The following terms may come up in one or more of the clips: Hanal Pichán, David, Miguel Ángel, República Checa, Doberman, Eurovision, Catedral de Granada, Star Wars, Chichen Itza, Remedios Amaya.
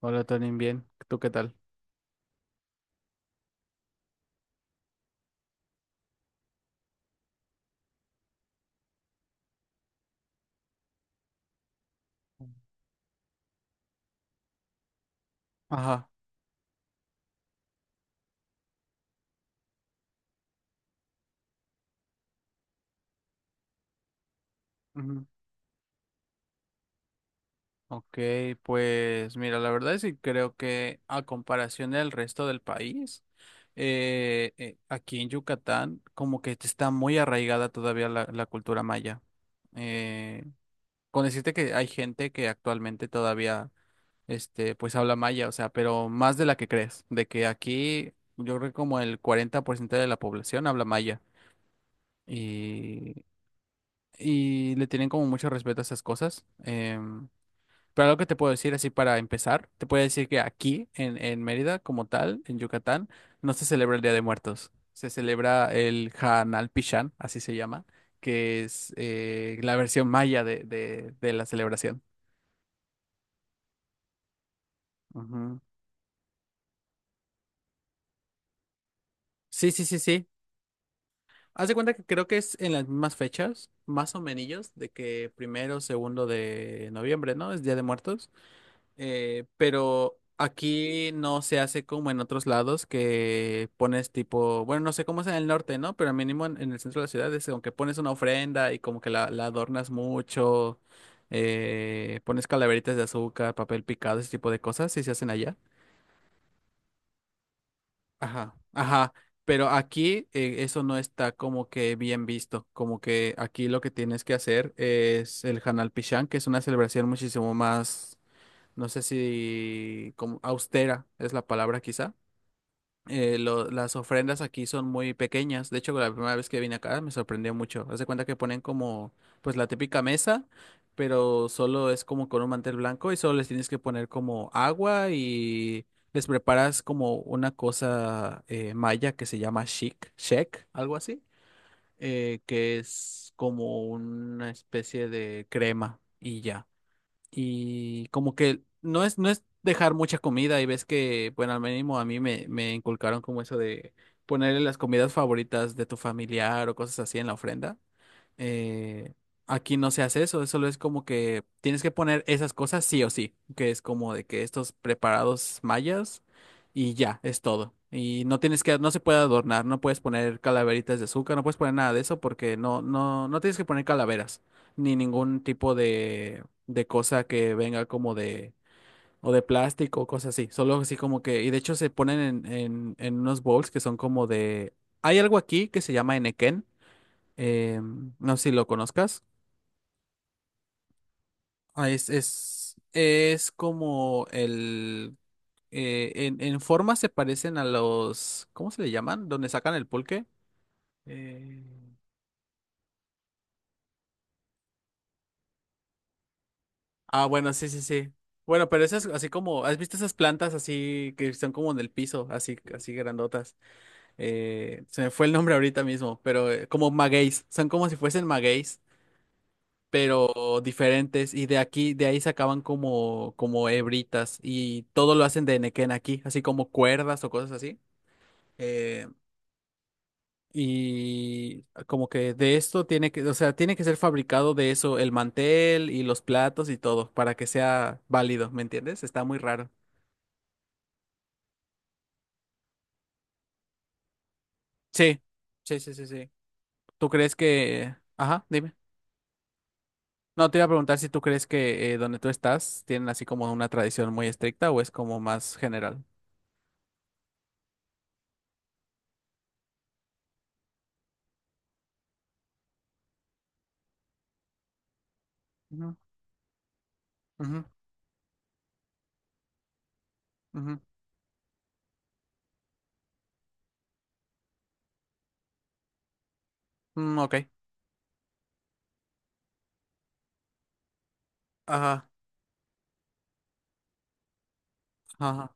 Hola, Tony, bien. ¿Tú qué tal? Ajá. ujú. Ok, pues mira, la verdad sí creo que a comparación del resto del país, aquí en Yucatán como que está muy arraigada todavía la cultura maya. Eh, con decirte que hay gente que actualmente todavía, pues habla maya, o sea, pero más de la que crees, de que aquí yo creo que como el 40% de la población habla maya. Y y le tienen como mucho respeto a esas cosas. Pero algo que te puedo decir así para empezar, te puedo decir que aquí en Mérida, como tal, en Yucatán, no se celebra el Día de Muertos. Se celebra el Hanal Pichán, así se llama, que es la versión maya de la celebración. Ujú. Sí, sí, sí, sí. Haz de cuenta que creo que es en las mismas fechas, más o menos, de que primero, segundo de noviembre, ¿no? Es Día de Muertos. Pero aquí no se hace como en otros lados que pones tipo, bueno, no sé cómo es en el norte, ¿no? Pero mínimo en el centro de la ciudad es como que pones una ofrenda y como que la adornas mucho, pones calaveritas de azúcar, papel picado, ese tipo de cosas, si se hacen allá. Ajá, ajá. Pero aquí eso no está como que bien visto, como que aquí lo que tienes que hacer es el Hanal Pichán, que es una celebración muchísimo más, no sé si como austera es la palabra quizá. Las ofrendas aquí son muy pequeñas. De hecho, la primera vez que vine acá me sorprendió mucho. Haz de cuenta que ponen como pues la típica mesa, pero solo es como con un mantel blanco y solo les tienes que poner como agua y les preparas como una cosa maya que se llama shik, shek, algo así, que es como una especie de crema y ya, y como que no es dejar mucha comida y ves que, bueno, al mínimo a mí me inculcaron como eso de ponerle las comidas favoritas de tu familiar o cosas así en la ofrenda. Eh, Aquí no se hace eso, solo es como que tienes que poner esas cosas sí o sí, que es como de que estos preparados mayas y ya, es todo. Y no tienes que, no se puede adornar, no puedes poner calaveritas de azúcar, no puedes poner nada de eso porque no tienes que poner calaveras, ni ningún tipo de cosa que venga como de, o de plástico o cosas así, solo así como que, y de hecho se ponen en unos bowls que son como de, hay algo aquí que se llama enequén, eh, no sé si lo conozcas. Es como el... En forma se parecen a los... ¿Cómo se le llaman? Donde sacan el pulque. Eh, Ah, bueno, sí, sí, sí. Bueno, pero esas así como, ¿has visto esas plantas así que están como en el piso, así, así grandotas? Se me fue el nombre ahorita mismo, pero como magueyes, son como si fuesen magueyes. Pero diferentes. De ahí sacaban como, como hebritas. Y todo lo hacen de nequén aquí, así como cuerdas o cosas así. Eh, y como que de esto tiene que, o sea, tiene que ser fabricado de eso, el mantel y los platos y todo, para que sea válido, ¿me entiendes? Está muy raro. Sí, sí, sí, sí, sí. ¿Tú crees que... Ajá, dime. No, te iba a preguntar si tú crees que donde tú estás tienen así como una tradición muy estricta o es como más general. Ujú, ujú, ujú. Mm, ok. Ajá, ajá.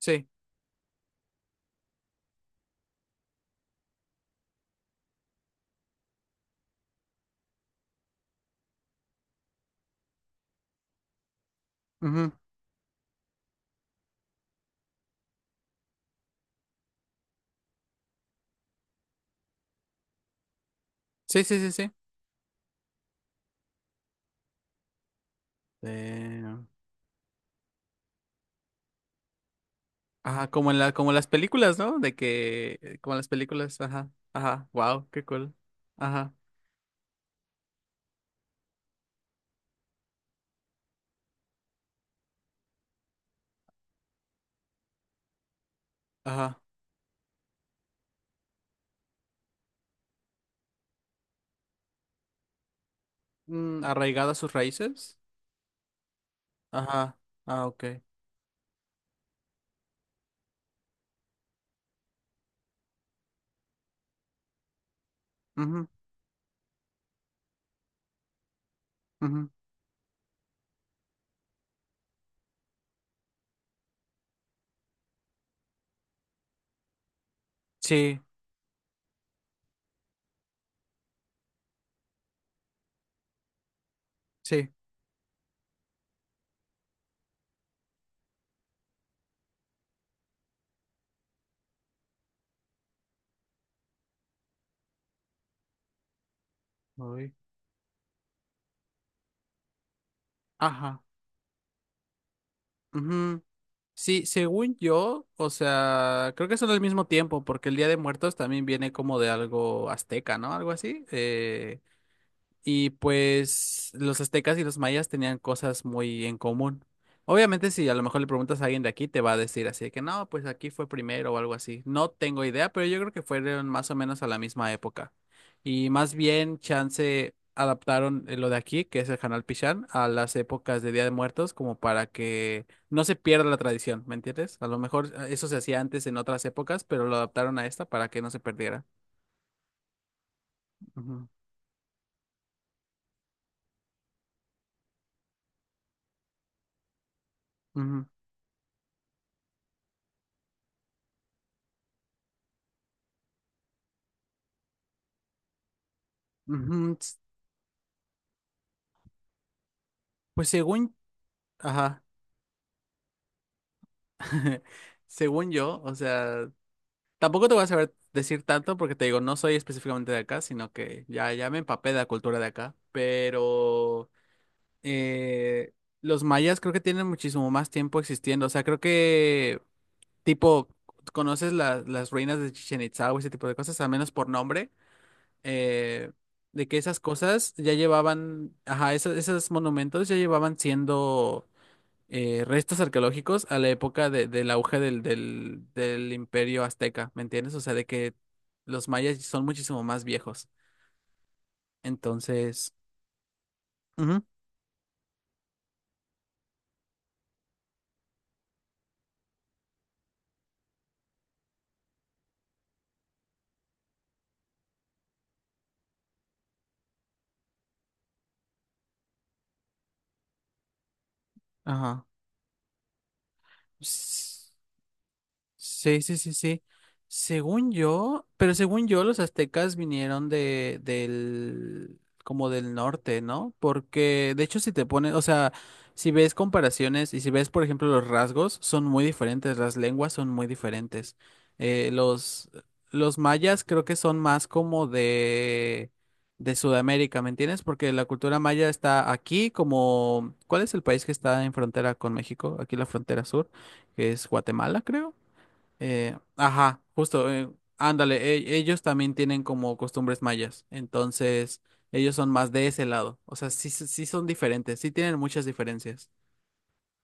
Sí. Ujú. Sí, sí, sí, sí. Eh, ajá, como en la, como las películas, ¿no? De que, como las películas, ajá, ajá. Wow, qué cool. Ajá, ajá. Mm, arraigada a sus raíces. Ajá. Ah, ok. Ujú, ujú. Sí, sí. Uy. Ajá. Ujú. Sí, según yo, o sea, creo que son al mismo tiempo, porque el Día de Muertos también viene como de algo azteca, ¿no? Algo así. Y pues los aztecas y los mayas tenían cosas muy en común. Obviamente, si a lo mejor le preguntas a alguien de aquí, te va a decir así de que no, pues aquí fue primero o algo así. No tengo idea, pero yo creo que fueron más o menos a la misma época. Y más bien, chance adaptaron lo de aquí, que es el Canal Pichán, a las épocas de Día de Muertos, como para que no se pierda la tradición, ¿me entiendes? A lo mejor eso se hacía antes en otras épocas, pero lo adaptaron a esta para que no se perdiera. Ujú, ujú, ujú. Pues según, ajá. Según yo, o sea, tampoco te voy a saber decir tanto porque te digo, no soy específicamente de acá, sino que ya me empapé de la cultura de acá, pero eh, los mayas creo que tienen muchísimo más tiempo existiendo, o sea, creo que tipo, conoces las ruinas de Chichen Itza o ese tipo de cosas, al menos por nombre, eh, de que esas cosas ya llevaban, ajá, esos monumentos ya llevaban siendo restos arqueológicos a la época del auge del imperio azteca, ¿me entiendes? O sea, de que los mayas son muchísimo más viejos. Entonces, ujú, ajá. Sí, sí, sí, sí. Según yo, pero según yo, los aztecas vinieron como del norte, ¿no? Porque, de hecho, si te pones, o sea, si ves comparaciones y si ves, por ejemplo, los rasgos, son muy diferentes, las lenguas son muy diferentes. Eh, los, los mayas creo que son más como de Sudamérica, ¿me entiendes? Porque la cultura maya está aquí como, ¿cuál es el país que está en frontera con México? Aquí la frontera sur, que es Guatemala, creo. Ajá, justo, ándale, ellos también tienen como costumbres mayas, entonces ellos son más de ese lado, o sea, sí, sí sí son diferentes, sí tienen muchas diferencias.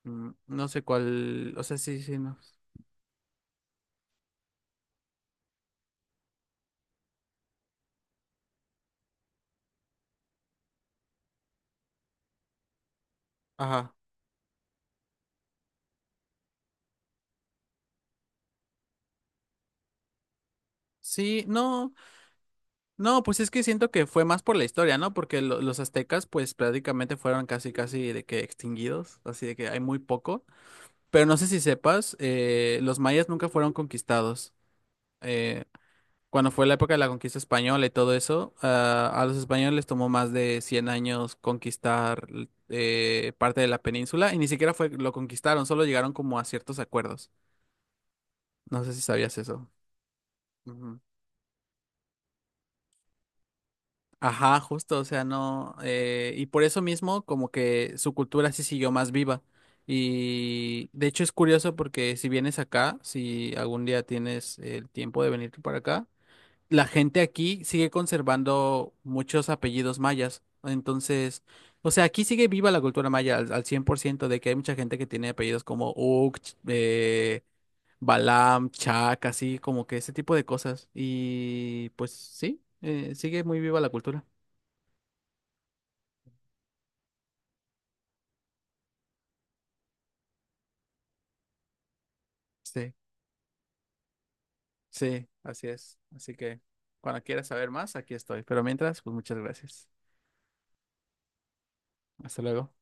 Mm, no sé cuál, o sea, sí, sí, no. Ajá. Sí, no, no, pues es que siento que fue más por la historia, ¿no? Porque los aztecas, pues prácticamente fueron casi, casi de que extinguidos, así de que hay muy poco. Pero no sé si sepas, los mayas nunca fueron conquistados. eh, Cuando fue la época de la conquista española y todo eso, ah, a los españoles les tomó más de 100 años conquistar parte de la península y ni siquiera fue lo conquistaron, solo llegaron como a ciertos acuerdos. No sé si sabías eso. Ujú. Ajá, justo, o sea, no. Y por eso mismo, como que su cultura sí siguió más viva. Y de hecho es curioso porque si vienes acá, si algún día tienes el tiempo de venir para acá, la gente aquí sigue conservando muchos apellidos mayas. Entonces, o sea, aquí sigue viva la cultura maya al 100% de que hay mucha gente que tiene apellidos como Uk, Balam, Chak, así como que ese tipo de cosas. Y pues sí, sigue muy viva la cultura. Sí, sí, así es. Así que cuando quieras saber más, aquí estoy. Pero mientras, pues muchas gracias. Hasta luego.